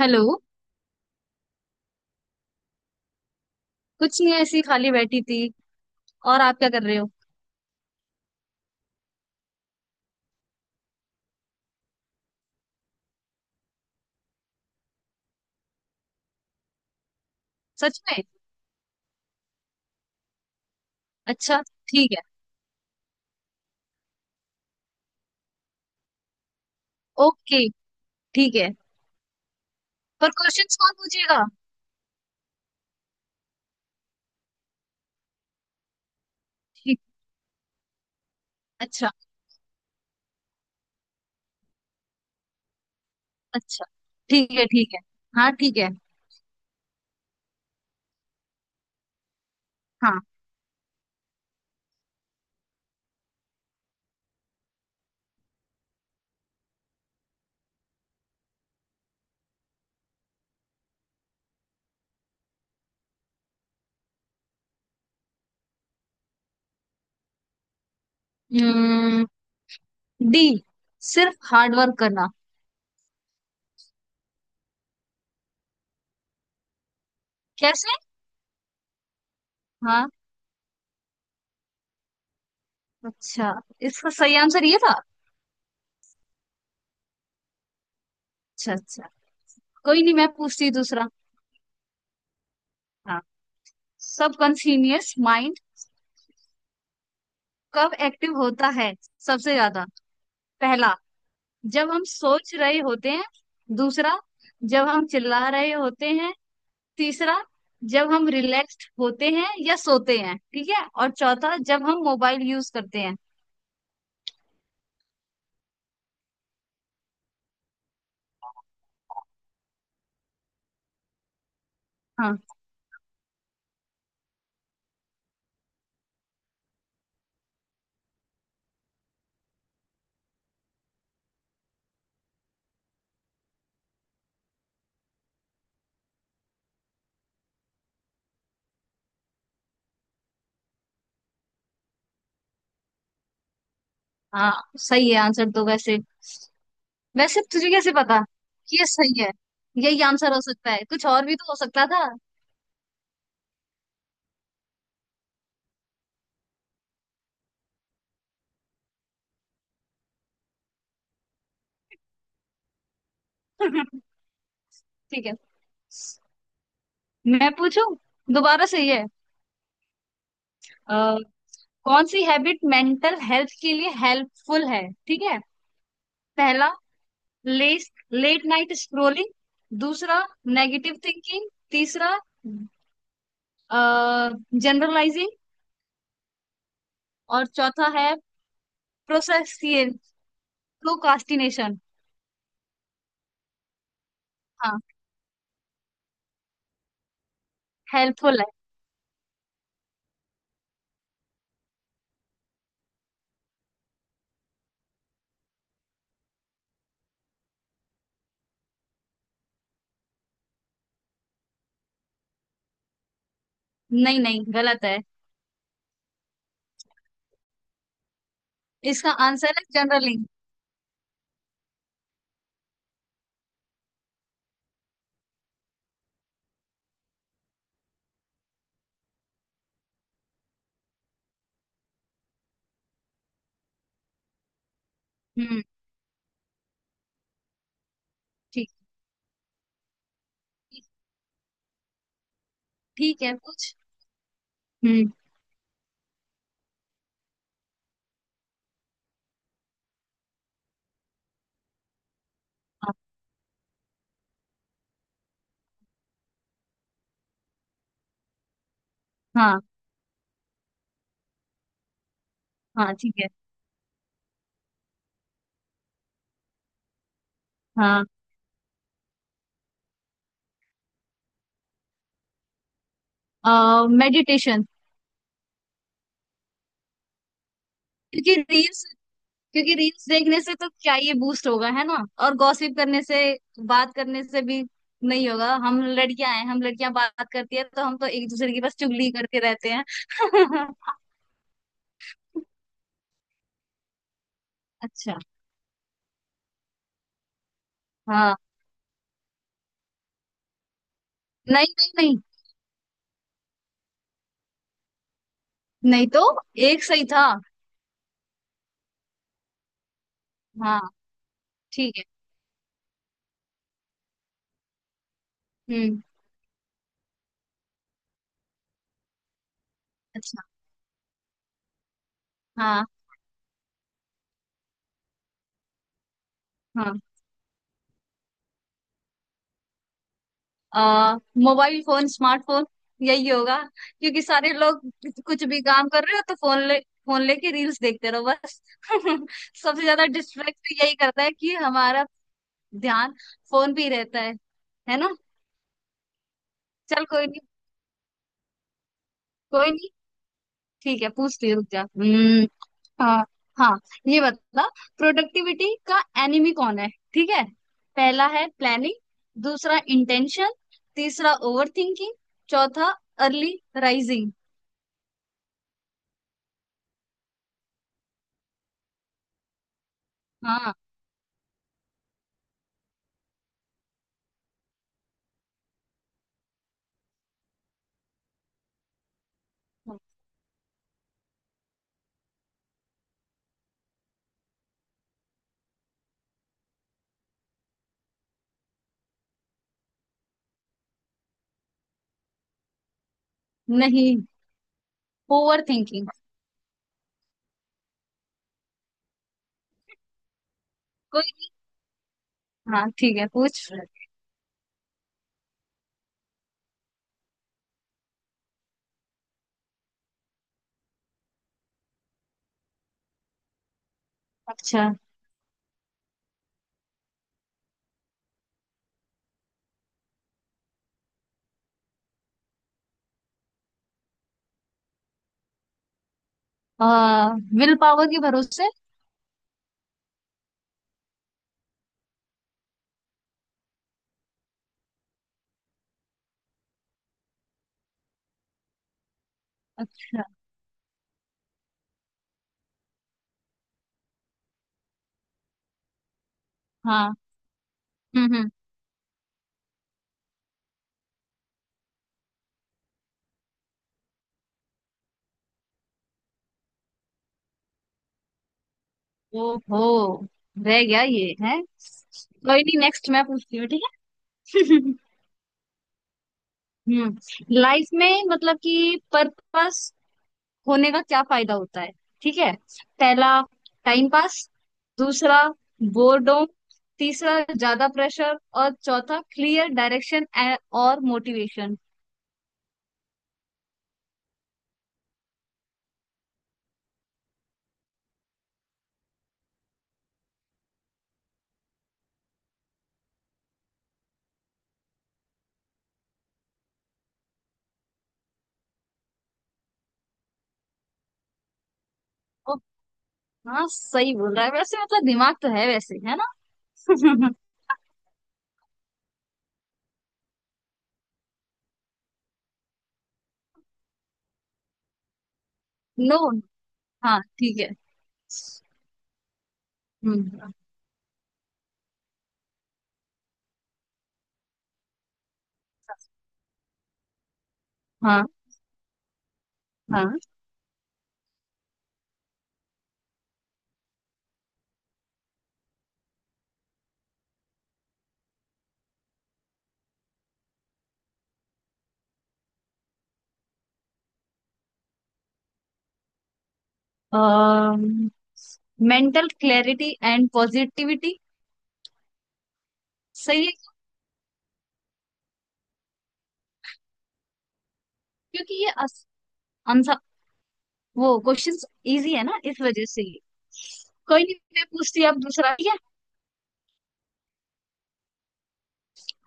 Hello. कुछ नहीं, ऐसी खाली बैठी थी। और आप क्या कर रहे हो? सच में? अच्छा। ठीक है। ओके, ठीक है। पर क्वेश्चंस कौन पूछेगा? ठीक। अच्छा अच्छा ठीक है, ठीक है। हाँ ठीक है। हाँ, डी, सिर्फ हार्ड वर्क करना। कैसे? हाँ। अच्छा, इसका सही आंसर ये था। अच्छा अच्छा। कोई नहीं, मैं पूछती हूँ दूसरा। हाँ, सबकॉन्शियस माइंड कब एक्टिव होता है सबसे ज्यादा? पहला, जब हम सोच रहे होते हैं। दूसरा, जब हम चिल्ला रहे होते हैं। तीसरा, जब हम रिलैक्स्ड होते हैं या सोते हैं, ठीक है। और चौथा, जब हम मोबाइल यूज करते हैं। हाँ। हाँ, सही है आंसर तो वैसे। वैसे तुझे कैसे पता कि ये सही है? यही आंसर हो सकता है, कुछ और भी तो हो सकता था। ठीक है, मैं पूछूं? दोबारा सही है। अ, कौन सी हैबिट मेंटल हेल्थ के लिए हेल्पफुल है? ठीक है। पहला, लेस लेट नाइट स्क्रोलिंग। दूसरा, नेगेटिव थिंकिंग। तीसरा, जनरलाइजिंग। और चौथा है प्रोसेसियल प्रोकास्टिनेशन। हाँ। हेल्पफुल है। नहीं नहीं, गलत है। इसका आंसर है जनरलिंग। हम्म। ठीक। ठीक है कुछ। हम्म। हाँ। हाँ हाँ, ठीक है। हाँ, मेडिटेशन। क्योंकि रील्स। क्योंकि रील्स देखने से तो क्या ये बूस्ट होगा, है ना? और गॉसिप करने से, बात करने से भी नहीं होगा। हम लड़कियां हैं, हम लड़कियां बात करती है तो हम तो एक दूसरे की बस चुगली करते रहते हैं। अच्छा। हाँ। नहीं, नहीं तो एक सही था। हाँ ठीक है। हम्म। अच्छा। हाँ। हाँ, आ, मोबाइल फोन, स्मार्टफोन, यही होगा। क्योंकि सारे लोग, कुछ भी काम कर रहे हो तो फोन ले, फोन लेके रील्स देखते रहो बस। सबसे ज्यादा डिस्ट्रैक्ट यही करता है कि हमारा ध्यान फोन पे ही रहता है ना? चल कोई नहीं। कोई नहीं। ठीक है, पूछ ले, रुक जा। हम्म। हाँ। हाँ, ये बता, प्रोडक्टिविटी का एनिमी कौन है? ठीक है। पहला है प्लानिंग। दूसरा, इंटेंशन। तीसरा, ओवर थिंकिंग। चौथा, अर्ली राइजिंग। हाँ। नहीं, ओवर थिंकिंग। कोई। हाँ ठीक है, पूछ। अच्छा। आ, विल पावर के भरोसे। अच्छा। हाँ। हम्म। ओहो, रह गया, ये है। कोई नहीं, नेक्स्ट मैं पूछती हूँ, ठीक है। हम्म। लाइफ में मतलब कि पर्पस होने का क्या फायदा होता है? ठीक है। पहला, टाइम पास। दूसरा, बोर्डम। तीसरा, ज्यादा प्रेशर। और चौथा, क्लियर डायरेक्शन और मोटिवेशन। ओ, हाँ सही बोल रहा है वैसे, मतलब दिमाग तो है वैसे, है ना? नो। हाँ ठीक है। हम्म। अच्छा, हाँ। हाँ, मेंटल क्लैरिटी एंड पॉजिटिविटी। सही है। क्योंकि ये आंसर, वो क्वेश्चंस इजी है ना, इस वजह से ये। कोई नहीं, मैं पूछती अब दूसरा, ठीक है।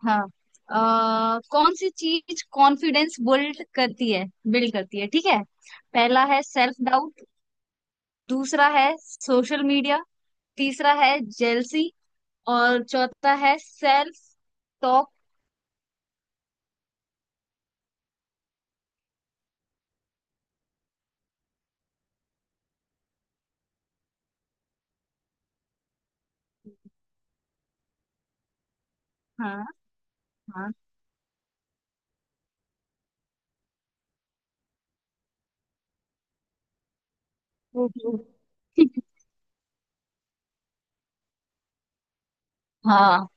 हाँ। अ, कौन सी चीज कॉन्फिडेंस बिल्ड करती है, बिल्ड करती है, ठीक है। पहला है सेल्फ डाउट। दूसरा है सोशल मीडिया। तीसरा है जेलसी। और चौथा है सेल्फ टॉक। हाँ हाँ हम्म, हम्म। हाँ।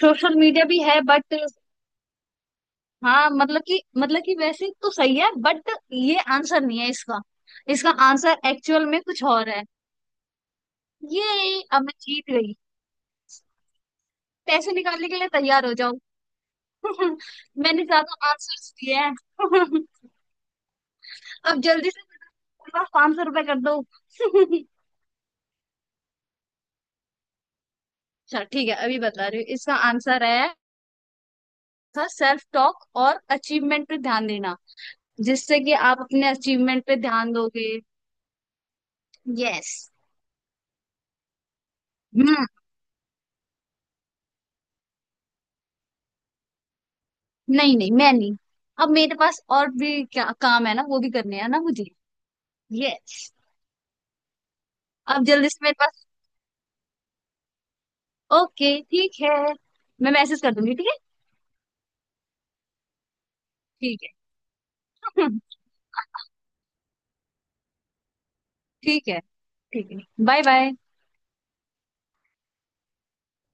सोशल मीडिया भी है, बट, हाँ, मतलब कि, मतलब कि वैसे तो सही है, बट ये आंसर नहीं है इसका। इसका आंसर एक्चुअल में कुछ और है। ये, अब मैं जीत गई, पैसे निकालने के लिए तैयार हो जाओ। मैंने ज्यादा आंसर्स दिए हैं। अब जल्दी से, बस 500 रुपए कर दो। अच्छा ठीक है, अभी बता रही हूँ। इसका आंसर है, था सेल्फ टॉक और अचीवमेंट पे ध्यान देना, जिससे कि आप अपने अचीवमेंट पे ध्यान दोगे। यस। नहीं नहीं मैं नहीं, अब मेरे पास और भी क्या काम है ना, वो भी करने हैं ना मुझे। यस। अब जल्दी से मेरे पास। ओके ठीक है, मैं मैसेज कर दूंगी। ठीक है, ठीक है। ठीक है, ठीक है। Bye bye.